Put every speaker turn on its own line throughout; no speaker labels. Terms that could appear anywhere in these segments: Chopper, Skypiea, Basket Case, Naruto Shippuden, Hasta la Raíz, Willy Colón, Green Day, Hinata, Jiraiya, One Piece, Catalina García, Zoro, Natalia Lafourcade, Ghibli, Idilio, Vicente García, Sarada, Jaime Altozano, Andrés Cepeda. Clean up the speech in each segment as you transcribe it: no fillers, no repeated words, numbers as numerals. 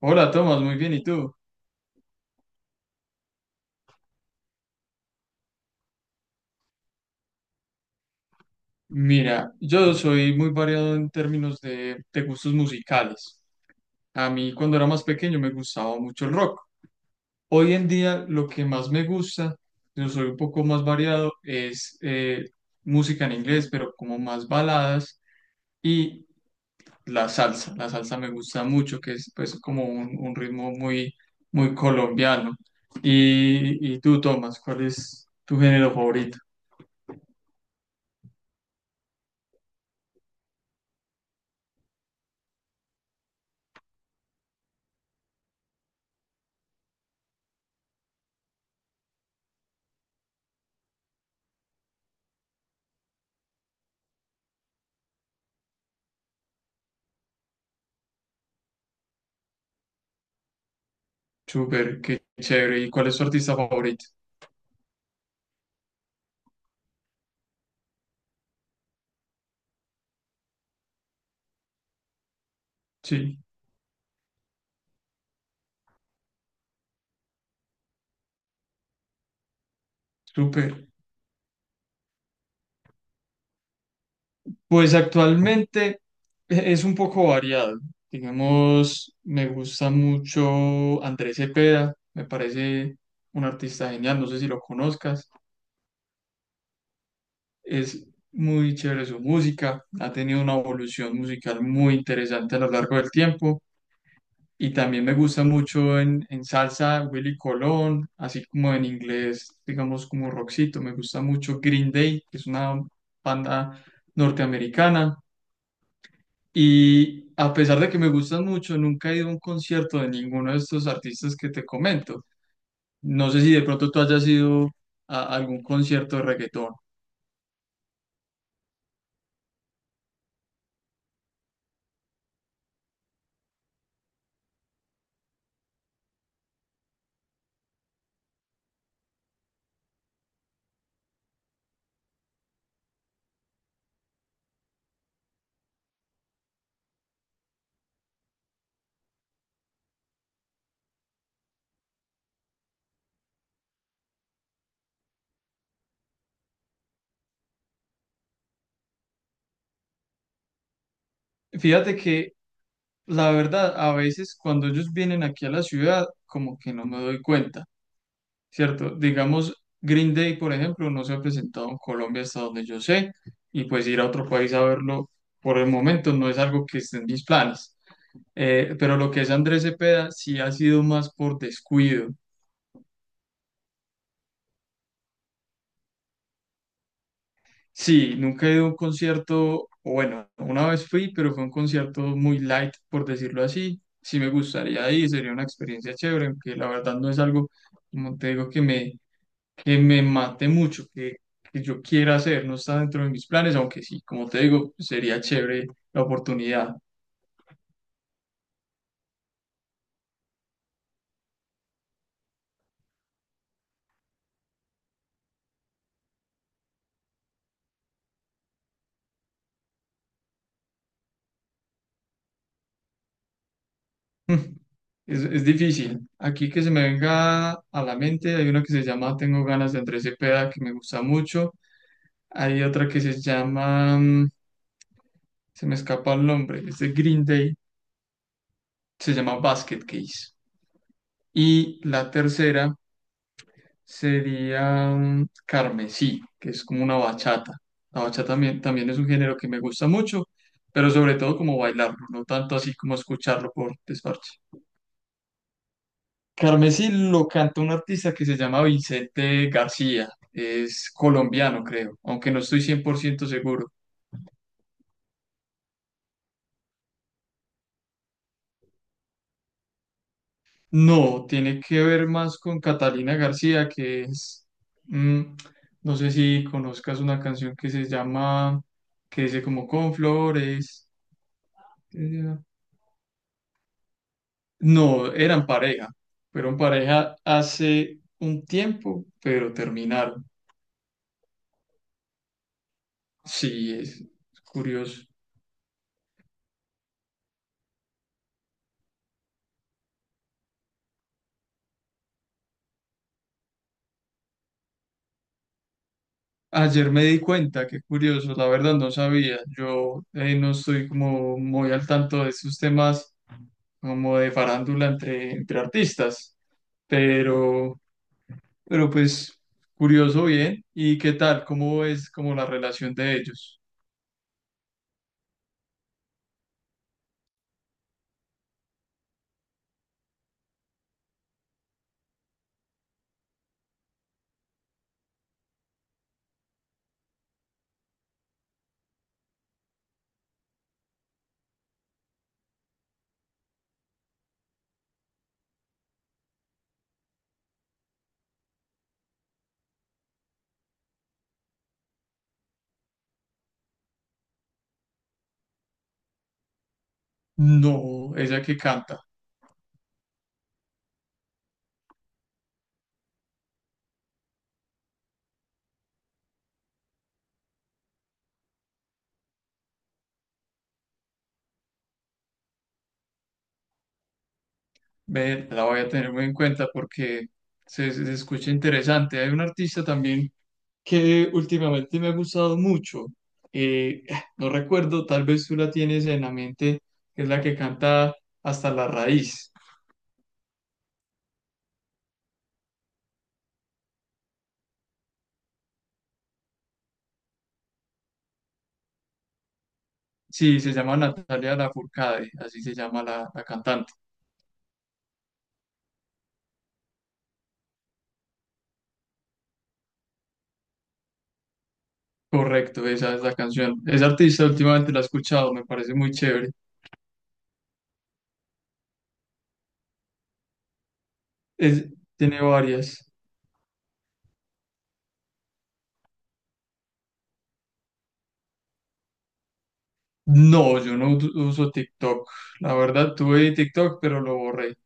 Hola, Tomás, muy bien, ¿y tú? Mira, yo soy muy variado en términos de gustos musicales. A mí cuando era más pequeño me gustaba mucho el rock. Hoy en día lo que más me gusta, yo soy un poco más variado, es música en inglés, pero como más baladas y la salsa. La salsa me gusta mucho, que es pues como un ritmo muy, muy colombiano. Y tú, Tomás, ¿cuál es tu género favorito? Súper, qué chévere. ¿Y cuál es tu artista favorito? Sí, súper. Pues actualmente es un poco variado. Digamos, me gusta mucho Andrés Cepeda, me parece un artista genial, no sé si lo conozcas. Es muy chévere su música, ha tenido una evolución musical muy interesante a lo largo del tiempo. Y también me gusta mucho en salsa Willy Colón, así como en inglés, digamos como rockcito. Me gusta mucho Green Day, que es una banda norteamericana. Y a pesar de que me gustan mucho, nunca he ido a un concierto de ninguno de estos artistas que te comento. No sé si de pronto tú hayas ido a algún concierto de reggaetón. Fíjate que la verdad, a veces cuando ellos vienen aquí a la ciudad, como que no me doy cuenta. Cierto, digamos, Green Day, por ejemplo, no se ha presentado en Colombia hasta donde yo sé, y pues ir a otro país a verlo por el momento no es algo que esté en mis planes. Pero lo que es Andrés Cepeda sí ha sido más por descuido. Sí, nunca he ido a un concierto, o bueno, una vez fui, pero fue un concierto muy light, por decirlo así. Sí me gustaría ir, sería una experiencia chévere, aunque la verdad no es algo, como te digo, que me mate mucho, que yo quiera hacer, no está dentro de mis planes, aunque sí, como te digo, sería chévere la oportunidad. Es difícil. Aquí que se me venga a la mente, hay una que se llama Tengo ganas, de Andrés Cepeda, que me gusta mucho. Hay otra que se llama, se me escapa el nombre, es de Green Day, se llama Basket Case. Y la tercera sería Carmesí, que es como una bachata. La bachata también, también es un género que me gusta mucho, pero sobre todo como bailarlo, no tanto así como escucharlo por desparche. Carmesí lo canta un artista que se llama Vicente García, es colombiano creo, aunque no estoy 100% seguro. No, tiene que ver más con Catalina García, que es, mm, no sé si conozcas una canción que se llama, que dice como con flores. No, eran pareja. Fueron pareja hace un tiempo, pero terminaron. Sí, es curioso. Ayer me di cuenta, qué curioso, la verdad no sabía. Yo no estoy como muy al tanto de estos temas como de farándula entre artistas, pero, pero pues curioso bien. ¿Y qué tal? ¿Cómo es como la relación de ellos? No, ella que canta. Ve, la voy a tener muy en cuenta porque se escucha interesante. Hay un artista también que últimamente me ha gustado mucho. Eh, no recuerdo, tal vez tú la tienes en la mente, que es la que canta Hasta la Raíz. Sí, se llama Natalia Lafourcade, así se llama la cantante. Correcto, esa es la canción. Esa artista últimamente la he escuchado, me parece muy chévere. Es- Tiene varias. No, yo no uso TikTok. La verdad, tuve TikTok, pero lo borré.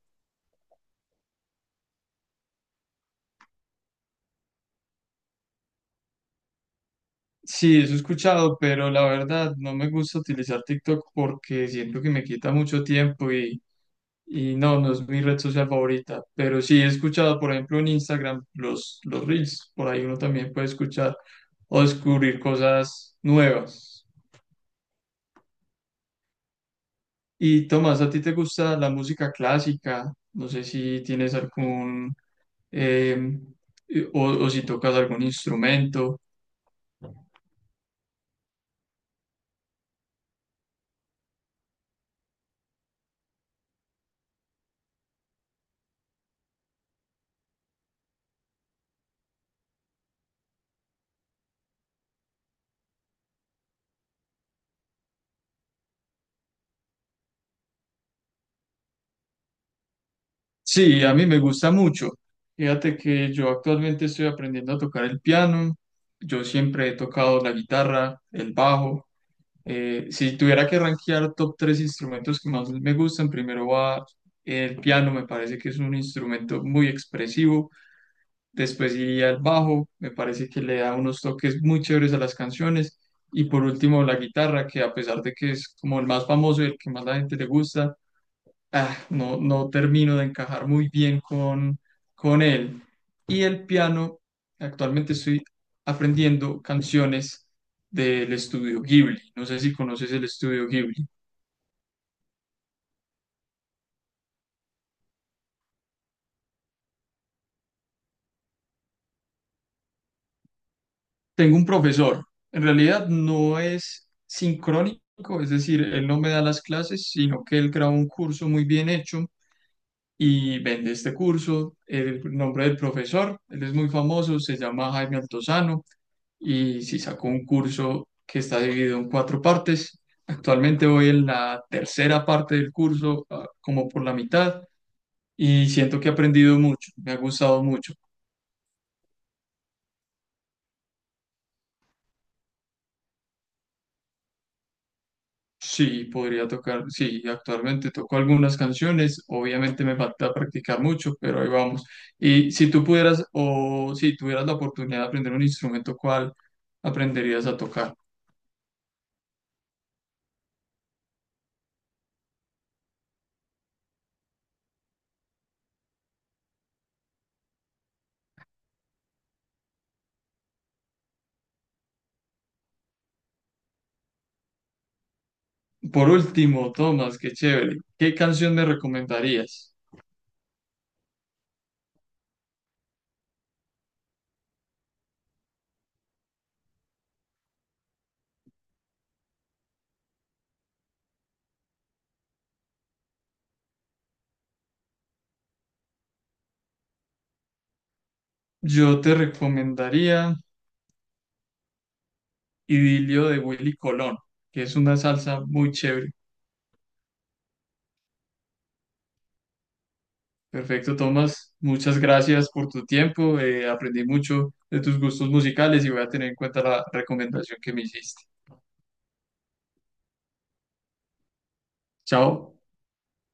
Sí, eso he escuchado, pero la verdad no me gusta utilizar TikTok porque siento que me quita mucho tiempo y no, no es mi red social favorita. Pero sí he escuchado, por ejemplo, en Instagram los Reels, por ahí uno también puede escuchar o descubrir cosas nuevas. Y Tomás, ¿a ti te gusta la música clásica? No sé si tienes algún, em, o si tocas algún instrumento. Sí, a mí me gusta mucho. Fíjate que yo actualmente estoy aprendiendo a tocar el piano. Yo siempre he tocado la guitarra, el bajo. Si tuviera que rankear top tres instrumentos que más me gustan, primero va el piano, me parece que es un instrumento muy expresivo. Después iría el bajo, me parece que le da unos toques muy chéveres a las canciones. Y por último, la guitarra, que a pesar de que es como el más famoso y el que más la gente le gusta, ah, no, no termino de encajar muy bien con él. Y el piano, actualmente estoy aprendiendo canciones del estudio Ghibli. No sé si conoces el estudio Ghibli. Tengo un profesor, en realidad no es sincrónico, es decir, él no me da las clases, sino que él graba un curso muy bien hecho y vende este curso. El nombre del profesor, él es muy famoso, se llama Jaime Altozano y sí sacó un curso que está dividido en cuatro partes. Actualmente voy en la tercera parte del curso, ah, como por la mitad, y siento que he aprendido mucho, me ha gustado mucho. Sí, podría tocar, sí, actualmente toco algunas canciones, obviamente me falta practicar mucho, pero ahí vamos. Y si tú pudieras o si tuvieras la oportunidad de aprender un instrumento, ¿cuál aprenderías a tocar? Por último, Tomás, qué chévere. ¿Qué canción me recomendarías? Yo te recomendaría Idilio, de Willy Colón, que es una salsa muy chévere. Perfecto, Tomás. Muchas gracias por tu tiempo. Aprendí mucho de tus gustos musicales y voy a tener en cuenta la recomendación que me hiciste. Chao.